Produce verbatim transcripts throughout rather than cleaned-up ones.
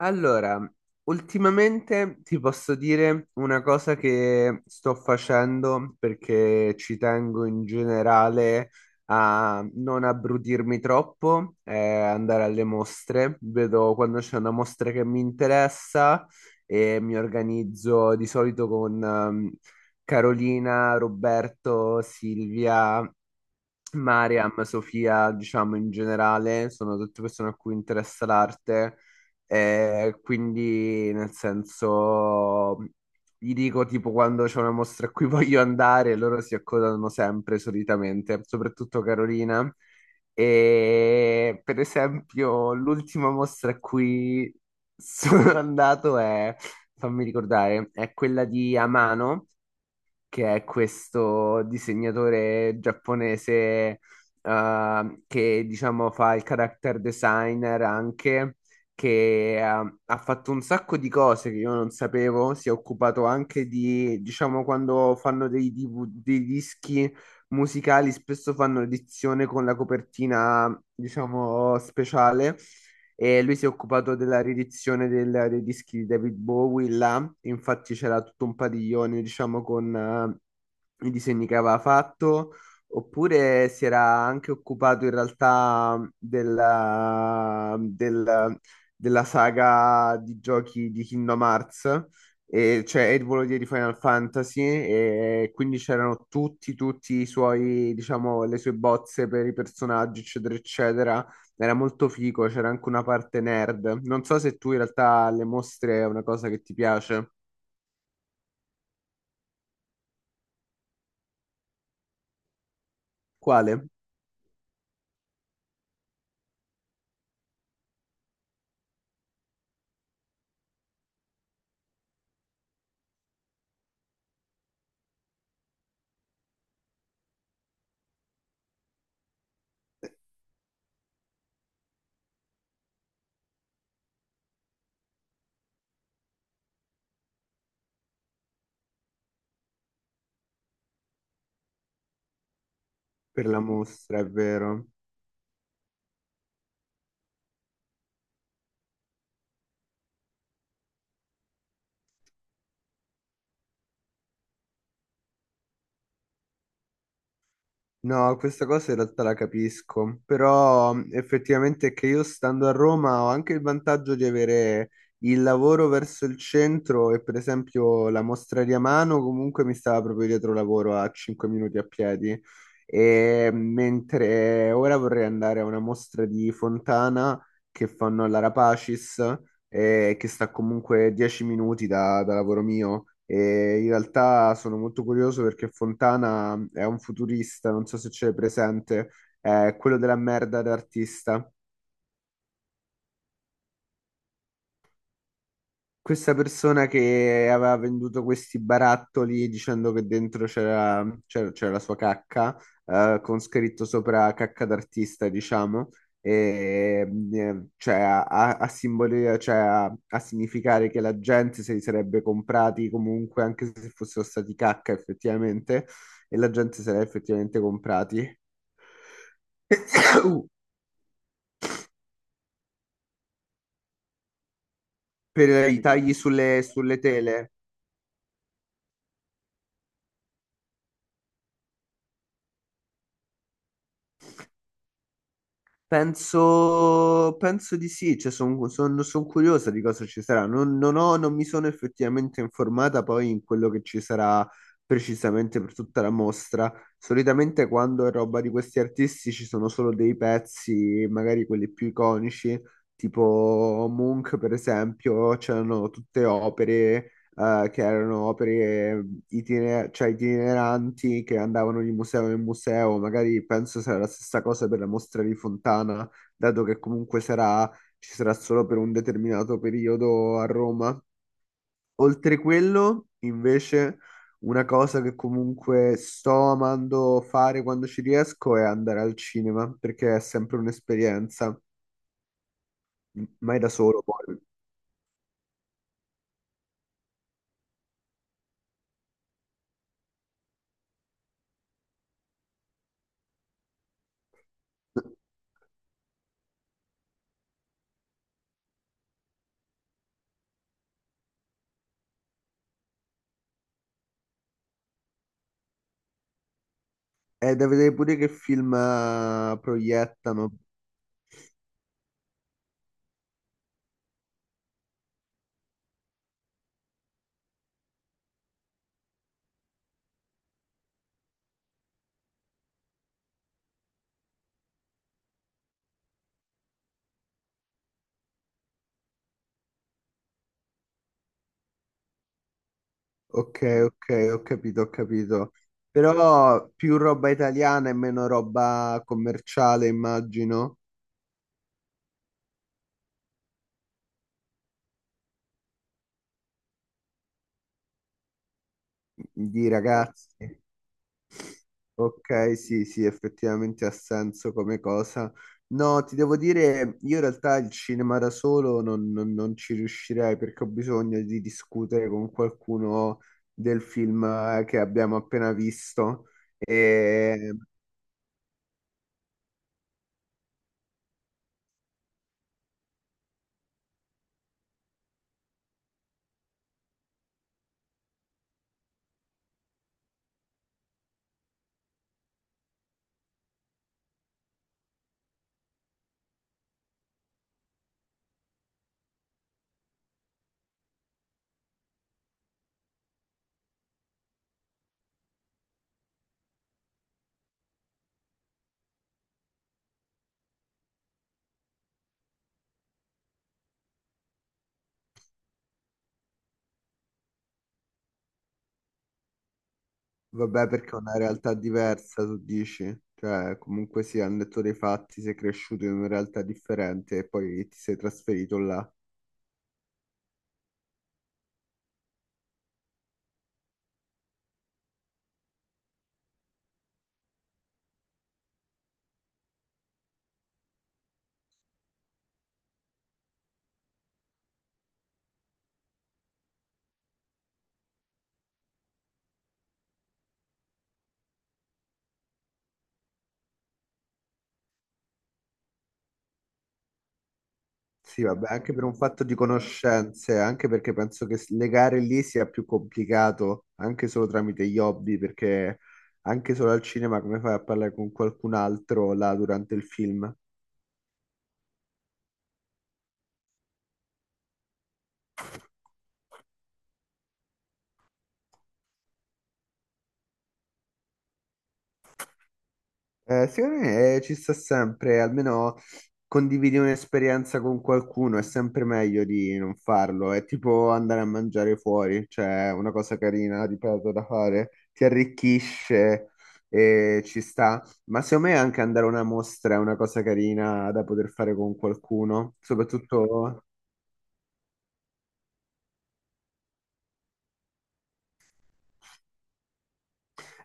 Allora, ultimamente ti posso dire una cosa che sto facendo perché ci tengo in generale a non abbrudirmi troppo, è andare alle mostre. Vedo quando c'è una mostra che mi interessa e mi organizzo di solito con ehm, Carolina, Roberto, Silvia. Mariam, Sofia, diciamo in generale, sono tutte persone a cui interessa l'arte, eh, quindi, nel senso, gli dico tipo quando c'è una mostra a cui voglio andare, loro si accodano sempre solitamente, soprattutto Carolina. E per esempio, l'ultima mostra a cui sono andato è, fammi ricordare, è quella di Amano, che è questo disegnatore giapponese, eh, che diciamo fa il character designer anche, che ha ha fatto un sacco di cose che io non sapevo, si è occupato anche di, diciamo, quando fanno dei, D V dei dischi musicali, spesso fanno edizione con la copertina, diciamo, speciale, e lui si è occupato della riedizione del- dei dischi di David Bowie là. Infatti c'era tutto un padiglione, diciamo, con eh, i disegni che aveva fatto, oppure si era anche occupato in realtà della, del- della saga di giochi di Kingdom Hearts. E cioè Ed Volodya di Final Fantasy, e quindi c'erano tutti, tutti i suoi, diciamo, le sue bozze per i personaggi, eccetera, eccetera. Era molto figo, c'era anche una parte nerd. Non so se tu in realtà alle mostre è una cosa che ti piace. Quale? Per la mostra, è vero. No, questa cosa in realtà la capisco, però mh, effettivamente è che io stando a Roma ho anche il vantaggio di avere il lavoro verso il centro, e per esempio la mostra di Amano comunque mi stava proprio dietro lavoro a cinque minuti a piedi, e mhmm, mentre ora vorrei andare a una mostra di Fontana che fanno alla Rapacis, eh, che sta comunque dieci minuti da, da lavoro mio. E in realtà sono molto curioso perché Fontana è un futurista, non so se c'è presente, è quello della merda d'artista. Questa persona che aveva venduto questi barattoli dicendo che dentro c'era c'era- c'era la sua cacca, eh, con scritto sopra cacca d'artista, diciamo, e, mm, eh, cioè, a, a- a simboli- cioè, a- a significare che la gente se li sarebbe comprati comunque, anche se fossero stati cacca effettivamente, e la gente se li ha effettivamente comprati. Per i tagli sulle, sulle tele. Penso, penso di sì, cioè sono curiosa di cosa ci sarà. Non, non ho- non mi sono effettivamente informata poi in quello che ci sarà precisamente per tutta la mostra. Solitamente quando è roba di questi artisti ci sono solo dei pezzi, magari quelli più iconici, tipo Munch per esempio, c'erano tutte opere, eh, che erano opere, eh, itine- cioè itineranti, che andavano di museo in museo. Magari penso sarà la stessa cosa per la mostra di Fontana, dato che comunque sarà, ci sarà solo per un determinato periodo a Roma. Oltre quello, invece, una cosa che comunque sto amando fare quando ci riesco è andare al cinema, perché è sempre un'esperienza, mai da solo poi. È da vedere pure che film eh, proiettano. Ok, ok, ho capito, ho capito. Però più roba italiana e meno roba commerciale, immagino, di ragazzi. Ok, sì, sì, effettivamente ha senso come cosa. No, ti devo dire, io in realtà il cinema da solo non, non- non ci riuscirei, perché ho bisogno di discutere con qualcuno del film, eh, che abbiamo appena visto. Vabbè, perché è una realtà diversa, tu dici? Cioè, comunque sì, hanno detto dei fatti, sei cresciuto in una realtà differente e poi ti sei trasferito là. Sì, vabbè, anche per un fatto di conoscenze, anche perché penso che s- legare lì sia più complicato, anche solo tramite gli hobby, perché anche solo al cinema come fai a parlare con qualcun altro là durante il film? Eh, secondo me, eh, ci sta sempre, almeno condividi un'esperienza con qualcuno, è sempre meglio di non farlo, è tipo andare a mangiare fuori, cioè è una cosa carina, ripeto, da fare, ti arricchisce e ci sta, ma secondo me anche andare a una mostra è una cosa carina da poter fare con qualcuno, soprattutto.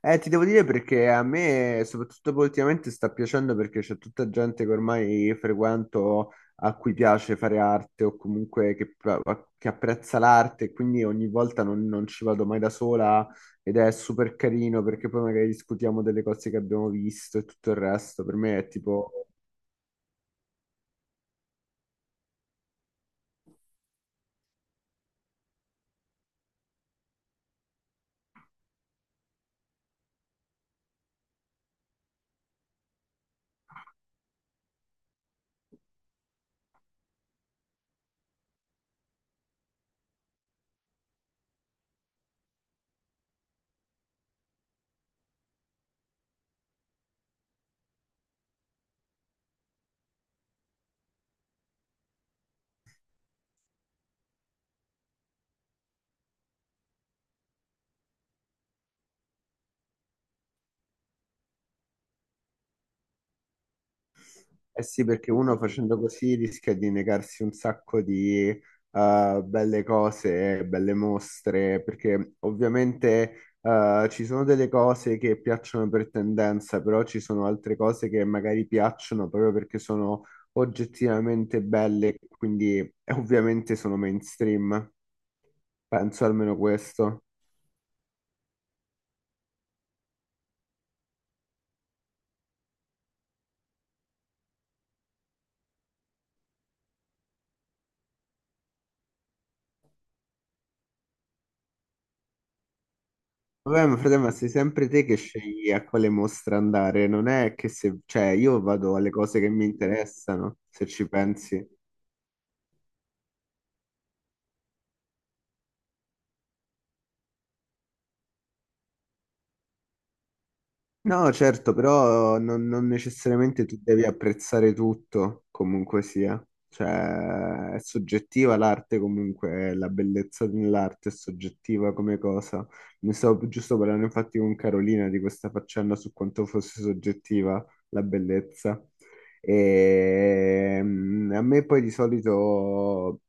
Eh, ti devo dire perché a me, soprattutto poi ultimamente, sta piacendo perché c'è tutta gente che ormai frequento a cui piace fare arte o comunque che, che apprezza l'arte, e quindi ogni volta non, non ci vado mai da sola, ed è super carino perché poi magari discutiamo delle cose che abbiamo visto e tutto il resto. Per me è tipo. Eh sì, perché uno facendo così rischia di negarsi un sacco di eh, belle cose, belle mostre, perché ovviamente eh, ci sono delle cose che piacciono per tendenza, però ci sono altre cose che magari piacciono proprio perché sono oggettivamente belle, quindi eh, ovviamente sono mainstream. Penso almeno questo. Vabbè, ma frate, ma sei sempre te che scegli a quale mostra andare, non è che se, cioè, io vado alle cose che mi interessano, se ci pensi. No, certo, però non, non necessariamente tu devi apprezzare tutto, comunque sia. Cioè, è soggettiva l'arte comunque, la bellezza dell'arte è soggettiva come cosa. Ne stavo giusto parlando infatti con Carolina di questa faccenda su quanto fosse soggettiva la bellezza. E mm, a me poi di solito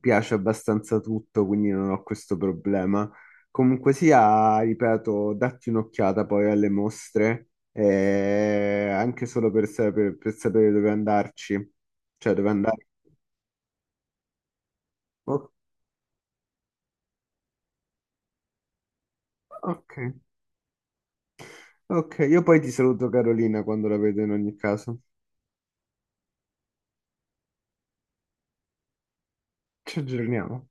piace abbastanza tutto, quindi non ho questo problema. Comunque sia, ripeto, datti un'occhiata poi alle mostre, eh, anche solo per sapere, per sapere dove andarci, cioè dove andare. O- ok, ok, io poi ti saluto Carolina quando la vedo in ogni caso. Ci aggiorniamo.